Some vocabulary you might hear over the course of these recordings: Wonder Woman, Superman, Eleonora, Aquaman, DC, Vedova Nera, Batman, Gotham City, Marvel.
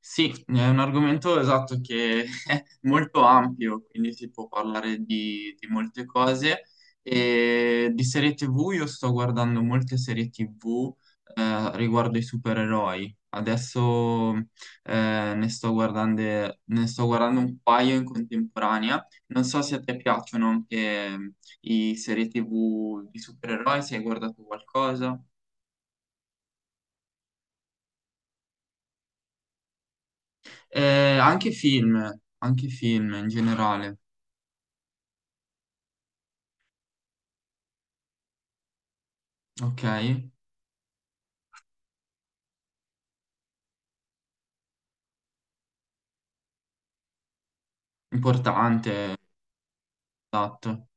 Sì, è un argomento esatto che è molto ampio, quindi si può parlare di molte cose. E di serie TV io sto guardando molte serie TV riguardo ai supereroi. Adesso eh, ne sto guardando, ne sto guardando un paio in contemporanea. Non so se a te piacciono anche i serie TV di supereroi, se hai guardato qualcosa. Eh, anche film, anche film in generale, ok? Importante, esatto.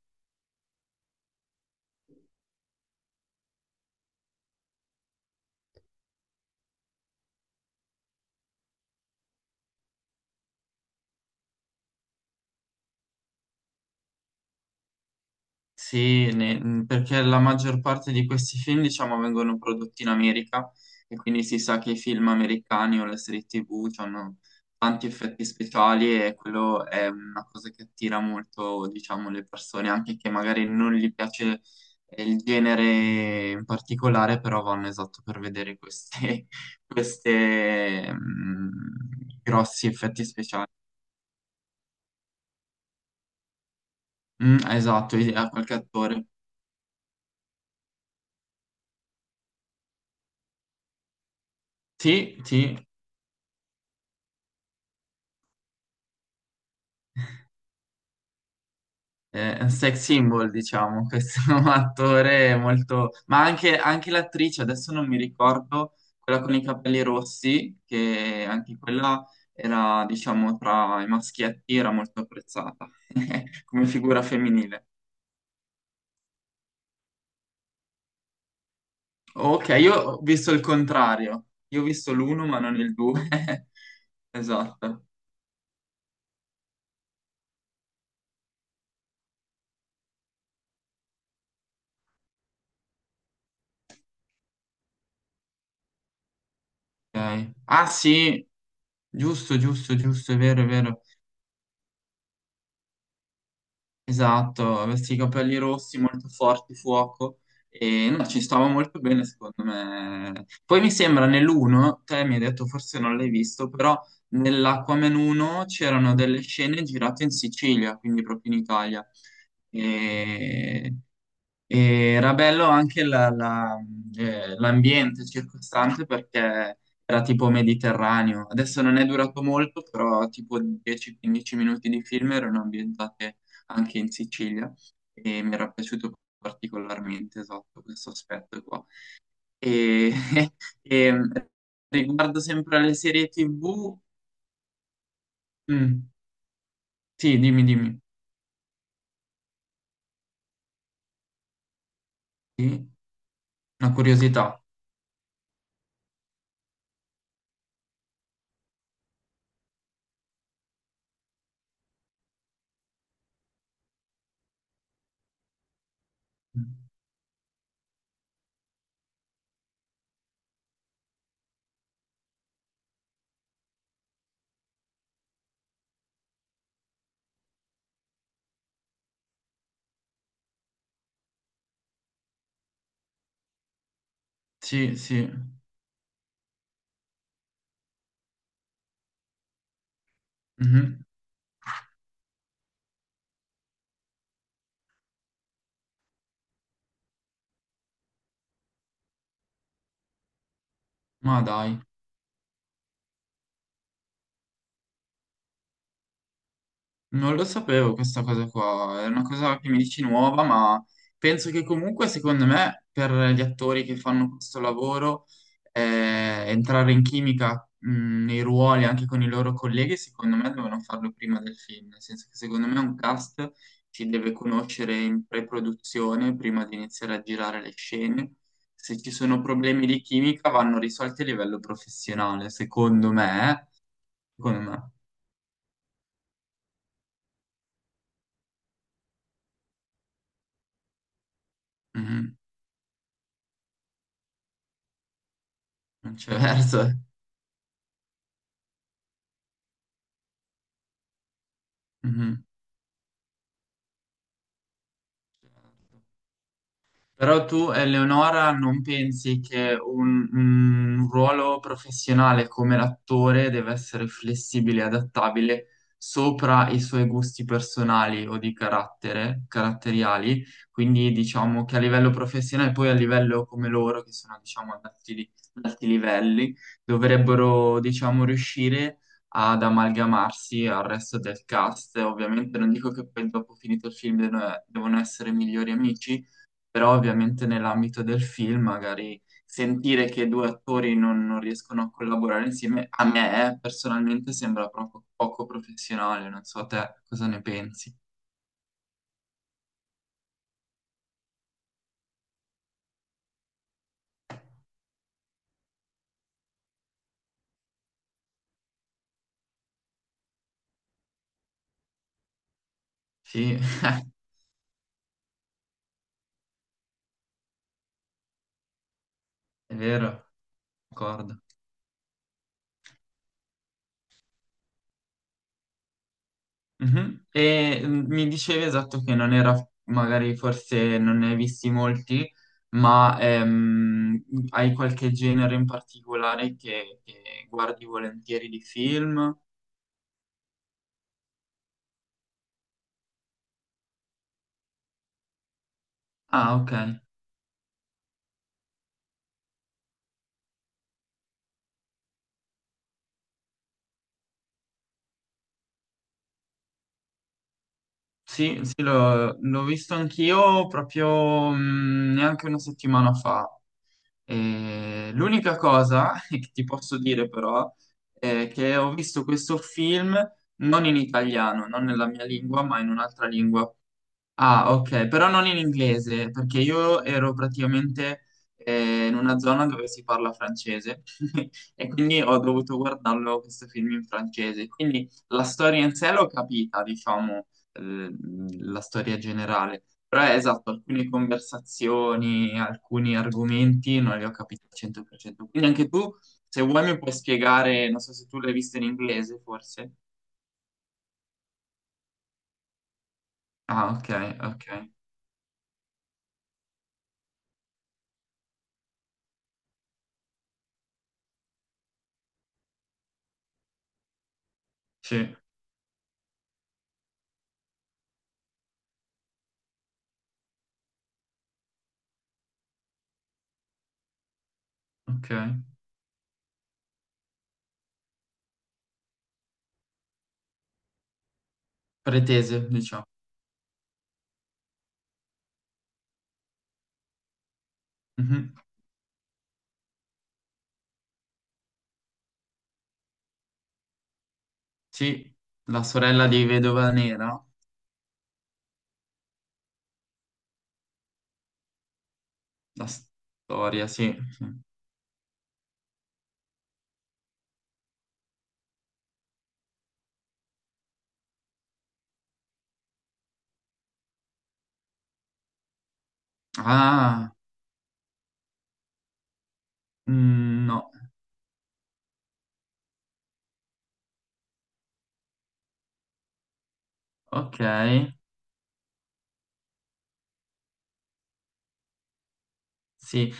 Sì, perché la maggior parte di questi film, diciamo, vengono prodotti in America e quindi si sa che i film americani o le serie TV hanno tanti effetti speciali e quello è una cosa che attira molto, diciamo, le persone, anche che magari non gli piace il genere in particolare, però vanno esatto per vedere queste, queste, mm, grossi effetti speciali. Mm, esatto, a qualche attore. Sì, sì, è un sex symbol, diciamo, questo attore molto. Ma anche l'attrice, adesso non mi ricordo, quella con i capelli rossi, che anche quella era, diciamo, tra i maschietti, era molto apprezzata come figura femminile. Ok, io ho visto il contrario, io ho visto l'uno ma non il due. Esatto. Ok. Ah, sì, giusto, giusto, giusto, è vero, è vero. Esatto, questi capelli rossi molto forti, fuoco, e no, ci stava molto bene secondo me. Poi mi sembra nell'uno, te mi hai detto forse non l'hai visto, però nell'Aquaman 1 c'erano delle scene girate in Sicilia, quindi proprio in Italia. E e era bello anche l'ambiente circostante perché era tipo mediterraneo. Adesso non è durato molto, però tipo 10-15 minuti di film erano ambientate anche in Sicilia e mi era piaciuto particolarmente, esatto, questo aspetto qua. E, e mm, Riguardo sempre alle serie TV, mm, sì, dimmi, dimmi, sì, una curiosità. Mm, sì, sì, mhm, ma dai. Non lo sapevo questa cosa qua, è una cosa che mi dici nuova, ma penso che comunque, secondo me, per gli attori che fanno questo lavoro, entrare in chimica, nei ruoli anche con i loro colleghi, secondo me devono farlo prima del film, nel senso che secondo me un cast si deve conoscere in pre-produzione prima di iniziare a girare le scene. Se ci sono problemi di chimica vanno risolti a livello professionale, secondo me, eh. Secondo me. Mhm. Non c'è verso. Mhm. Certo. Però tu, Eleonora, non pensi che un ruolo professionale come l'attore deve essere flessibile e adattabile sopra i suoi gusti personali o di carattere, caratteriali? Quindi diciamo che a livello professionale, poi a livello come loro, che sono diciamo ad alti livelli, dovrebbero diciamo riuscire ad amalgamarsi al resto del cast. Ovviamente non dico che poi dopo finito il film devono essere migliori amici, però ovviamente nell'ambito del film magari sentire che due attori non riescono a collaborare insieme, a me personalmente sembra proprio poco professionale, non so te cosa ne pensi. Sì, è vero, d'accordo. Mhm. E mi dicevi esatto che non era, magari forse non ne hai visti molti, ma hai qualche genere in particolare che guardi volentieri di film? Ah, ok. Sì, sì, l'ho visto anch'io proprio neanche una settimana fa. E l'unica cosa che ti posso dire però è che ho visto questo film non in italiano, non nella mia lingua, ma in un'altra lingua. Ah, ok, però non in inglese, perché io ero praticamente in una zona dove si parla francese e quindi ho dovuto guardarlo questo film in francese. Quindi la storia in sé l'ho capita, diciamo, eh, la storia generale, però è esatto, alcune conversazioni, alcuni argomenti non li ho capiti al 100%. Quindi anche tu, se vuoi, mi puoi spiegare, non so se tu l'hai visto in inglese, forse. Ah, ok, ok, sì, ok. Pretese, diciamo. Mhm. Sì, la sorella di Vedova Nera, la storia, sì, sì. Ah, mm, no, ok. Sì,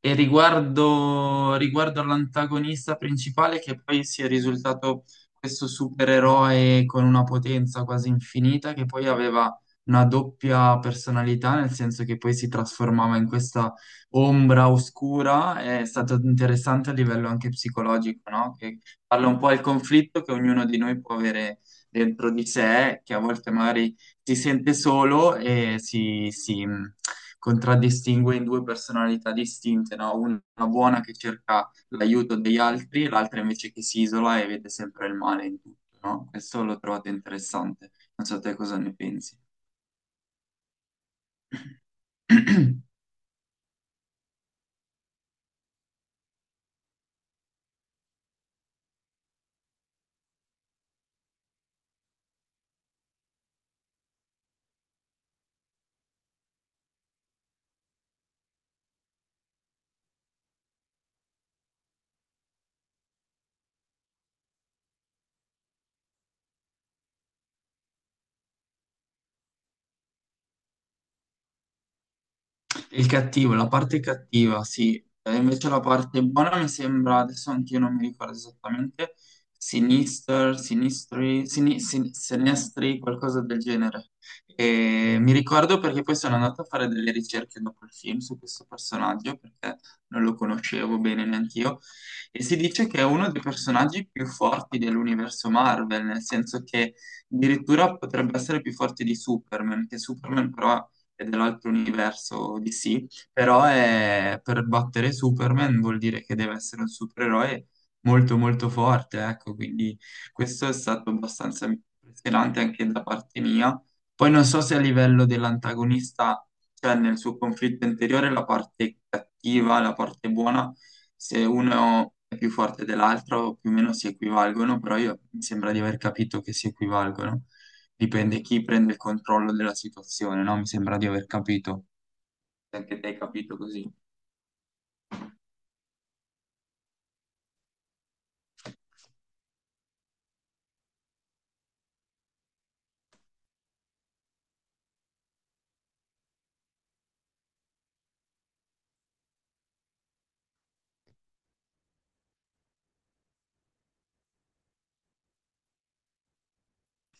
e riguardo all'antagonista principale che poi si è risultato questo supereroe con una potenza quasi infinita che poi aveva una doppia personalità, nel senso che poi si trasformava in questa ombra oscura, è stato interessante a livello anche psicologico, no? Che parla un po' del conflitto che ognuno di noi può avere dentro di sé, che a volte magari si sente solo e si contraddistingue in due personalità distinte, no? Una buona che cerca l'aiuto degli altri, e l'altra invece che si isola e vede sempre il male in tutto, no? Questo l'ho trovato interessante. Non so te cosa ne pensi. Il cattivo, la parte cattiva, sì. E invece la parte buona mi sembra, adesso anch'io non mi ricordo esattamente, Sinister, Sinistri, Sinestri, qualcosa del genere. E mi ricordo perché poi sono andato a fare delle ricerche dopo il film su questo personaggio, perché non lo conoscevo bene neanche io, e si dice che è uno dei personaggi più forti dell'universo Marvel, nel senso che addirittura potrebbe essere più forte di Superman, che Superman però e dell'altro universo DC, però per battere Superman vuol dire che deve essere un supereroe molto molto forte, ecco, quindi questo è stato abbastanza impressionante anche da parte mia. Poi non so se a livello dell'antagonista, cioè nel suo conflitto interiore, la parte cattiva, la parte buona, se uno è più forte dell'altro, più o meno si equivalgono, però io mi sembra di aver capito che si equivalgono. Dipende chi prende il controllo della situazione, no? Mi sembra di aver capito. Anche te hai capito così.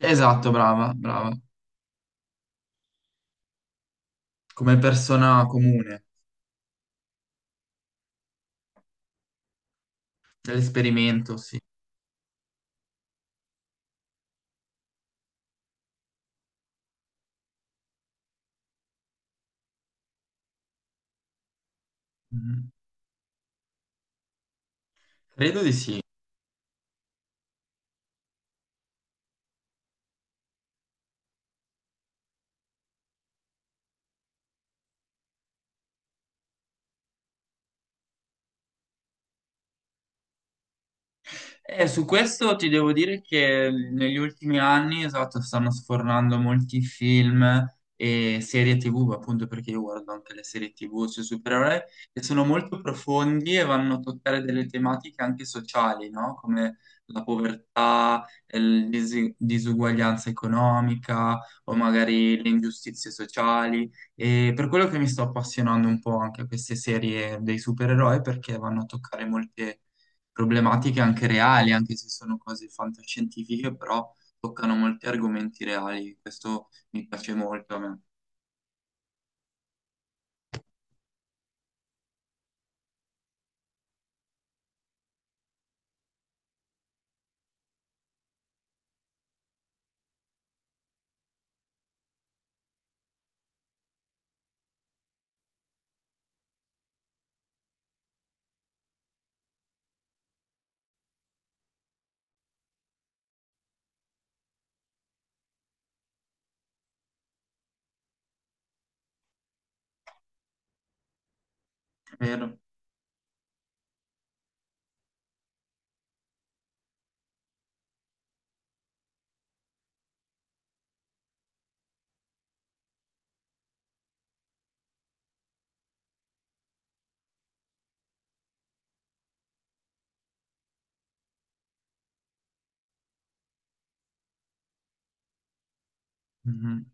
Esatto, brava, brava. Come persona comune, dell'esperimento, sì. Mhm. Credo di sì. Su questo ti devo dire che negli ultimi anni, esatto, stanno sfornando molti film e serie TV, ma appunto perché io guardo anche le serie TV sui supereroi, che sono molto profondi e vanno a toccare delle tematiche anche sociali, no? Come la povertà, la disuguaglianza economica o magari le ingiustizie sociali. E per quello che mi sto appassionando un po' anche a queste serie dei supereroi, perché vanno a toccare molte problematiche anche reali, anche se sono cose fantascientifiche, però toccano molti argomenti reali. Questo mi piace molto a me. Vero. Mhm.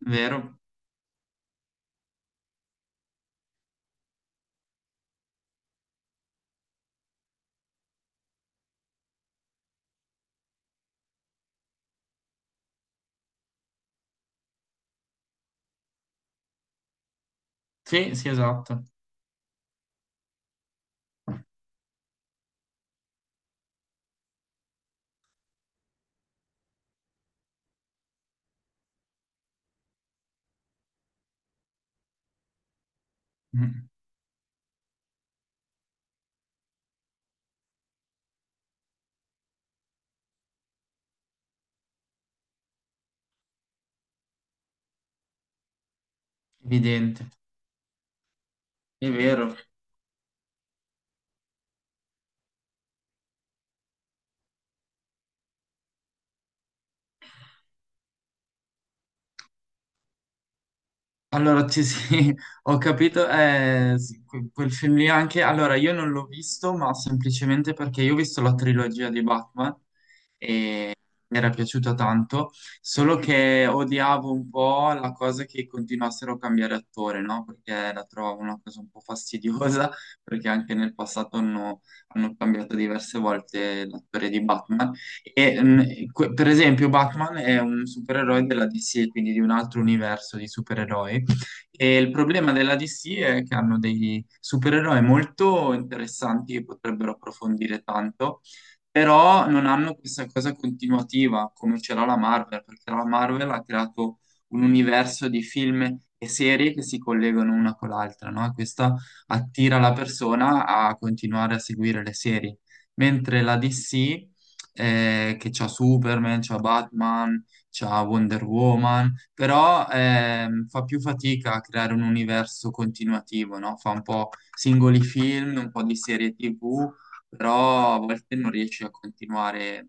Vero. Sì, sì, esatto. Mhm. Evidente, è vero. Allora, sì, sì, ho capito, sì, quel film lì anche, allora io non l'ho visto, ma semplicemente perché io ho visto la trilogia di Batman, mi era piaciuta tanto, solo che odiavo un po' la cosa che continuassero a cambiare attore, no? Perché la trovavo una cosa un po' fastidiosa, perché anche nel passato hanno cambiato diverse volte l'attore di Batman. E, mh, per esempio, Batman è un supereroe della DC, quindi di un altro universo di supereroi. E il problema della DC è che hanno dei supereroi molto interessanti che potrebbero approfondire tanto, però non hanno questa cosa continuativa come ce l'ha la Marvel, perché la Marvel ha creato un universo di film e serie che si collegano una con l'altra, no? E questa attira la persona a continuare a seguire le serie, mentre la DC, che c'ha Superman, c'ha Batman, c'ha Wonder Woman, però fa più fatica a creare un universo continuativo, no? Fa un po' singoli film, un po' di serie TV, però a volte non riesci a continuare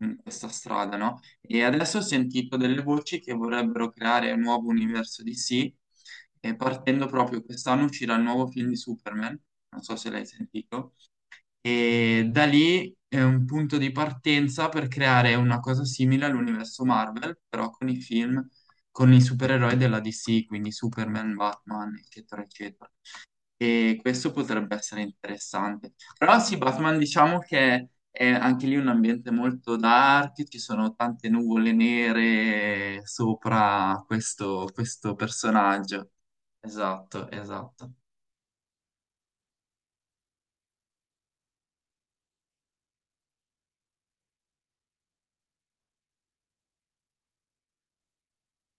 in questa strada, no? E adesso ho sentito delle voci che vorrebbero creare un nuovo universo DC, e partendo proprio quest'anno uscirà il nuovo film di Superman, non so se l'hai sentito, e da lì è un punto di partenza per creare una cosa simile all'universo Marvel, però con i film, con i supereroi della DC, quindi Superman, Batman, eccetera, eccetera. E questo potrebbe essere interessante. Però sì, Batman diciamo che è anche lì un ambiente molto dark, ci sono tante nuvole nere sopra questo, personaggio. Esatto, esatto.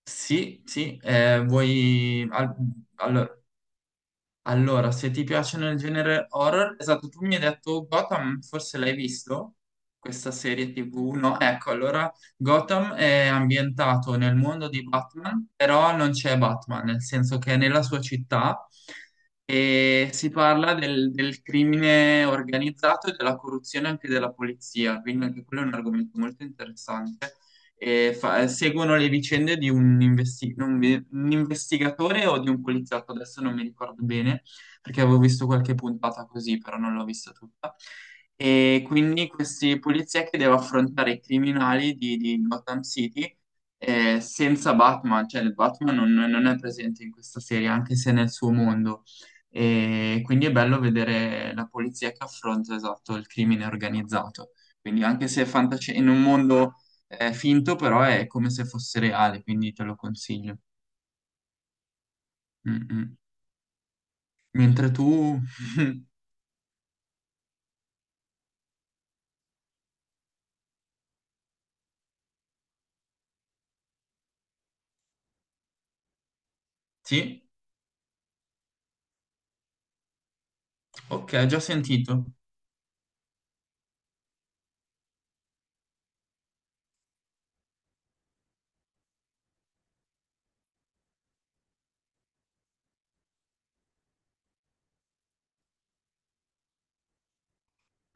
Sì, sì, allora, Allora, se ti piacciono il genere horror, esatto, tu mi hai detto Gotham, forse l'hai visto? Questa serie TV, no? Ecco, allora Gotham è ambientato nel mondo di Batman, però non c'è Batman, nel senso che è nella sua città e si parla del crimine organizzato e della corruzione anche della polizia, quindi anche quello è un argomento molto interessante e seguono le vicende di un, investi- non mi- un investigatore o di un poliziotto, adesso non mi ricordo bene, perché avevo visto qualche puntata così, però non l'ho vista tutta. E quindi questi polizia che deve affrontare i criminali di Gotham City senza Batman, cioè il Batman non è presente in questa serie, anche se è nel suo mondo. E quindi è bello vedere la polizia che affronta, esatto, il crimine organizzato. Quindi anche se è fantascienza, in un mondo è finto, però è come se fosse reale, quindi te lo consiglio. Mm, mm. Mentre tu... Sì, ok, già sentito.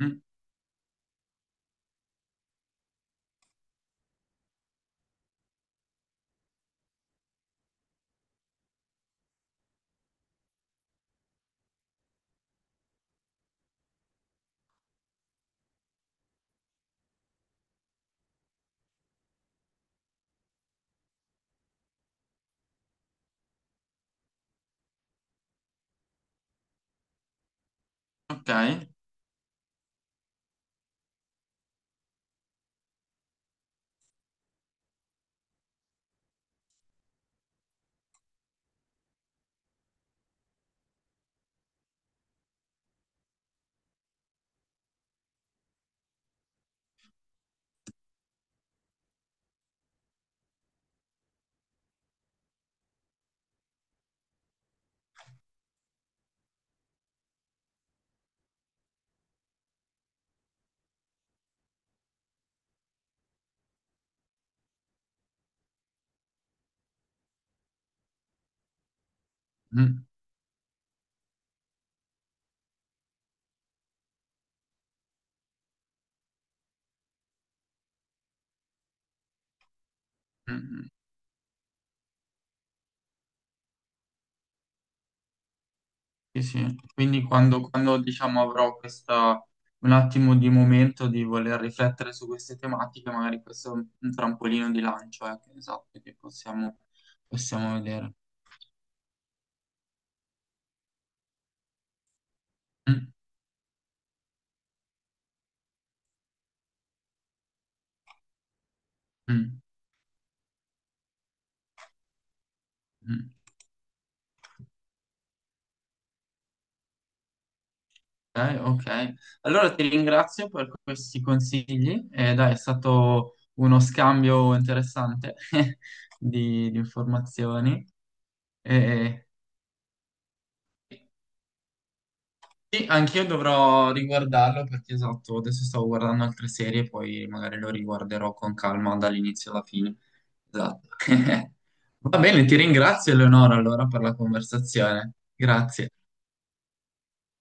Mm, ok. Mm, mm, mm. Sì, sì. Quindi diciamo, un attimo di momento di voler riflettere su queste tematiche, magari questo è un trampolino di lancio, ecco, esatto, che possiamo vedere. Mm, mm, mm. Ok. Ok. Allora ti ringrazio per questi consigli. Dai, è stato uno scambio interessante di informazioni. Eh, sì, anch'io dovrò riguardarlo perché esatto, adesso stavo guardando altre serie, poi magari lo riguarderò con calma dall'inizio alla fine. Esatto. Va bene, ti ringrazio Eleonora allora per la conversazione. Grazie.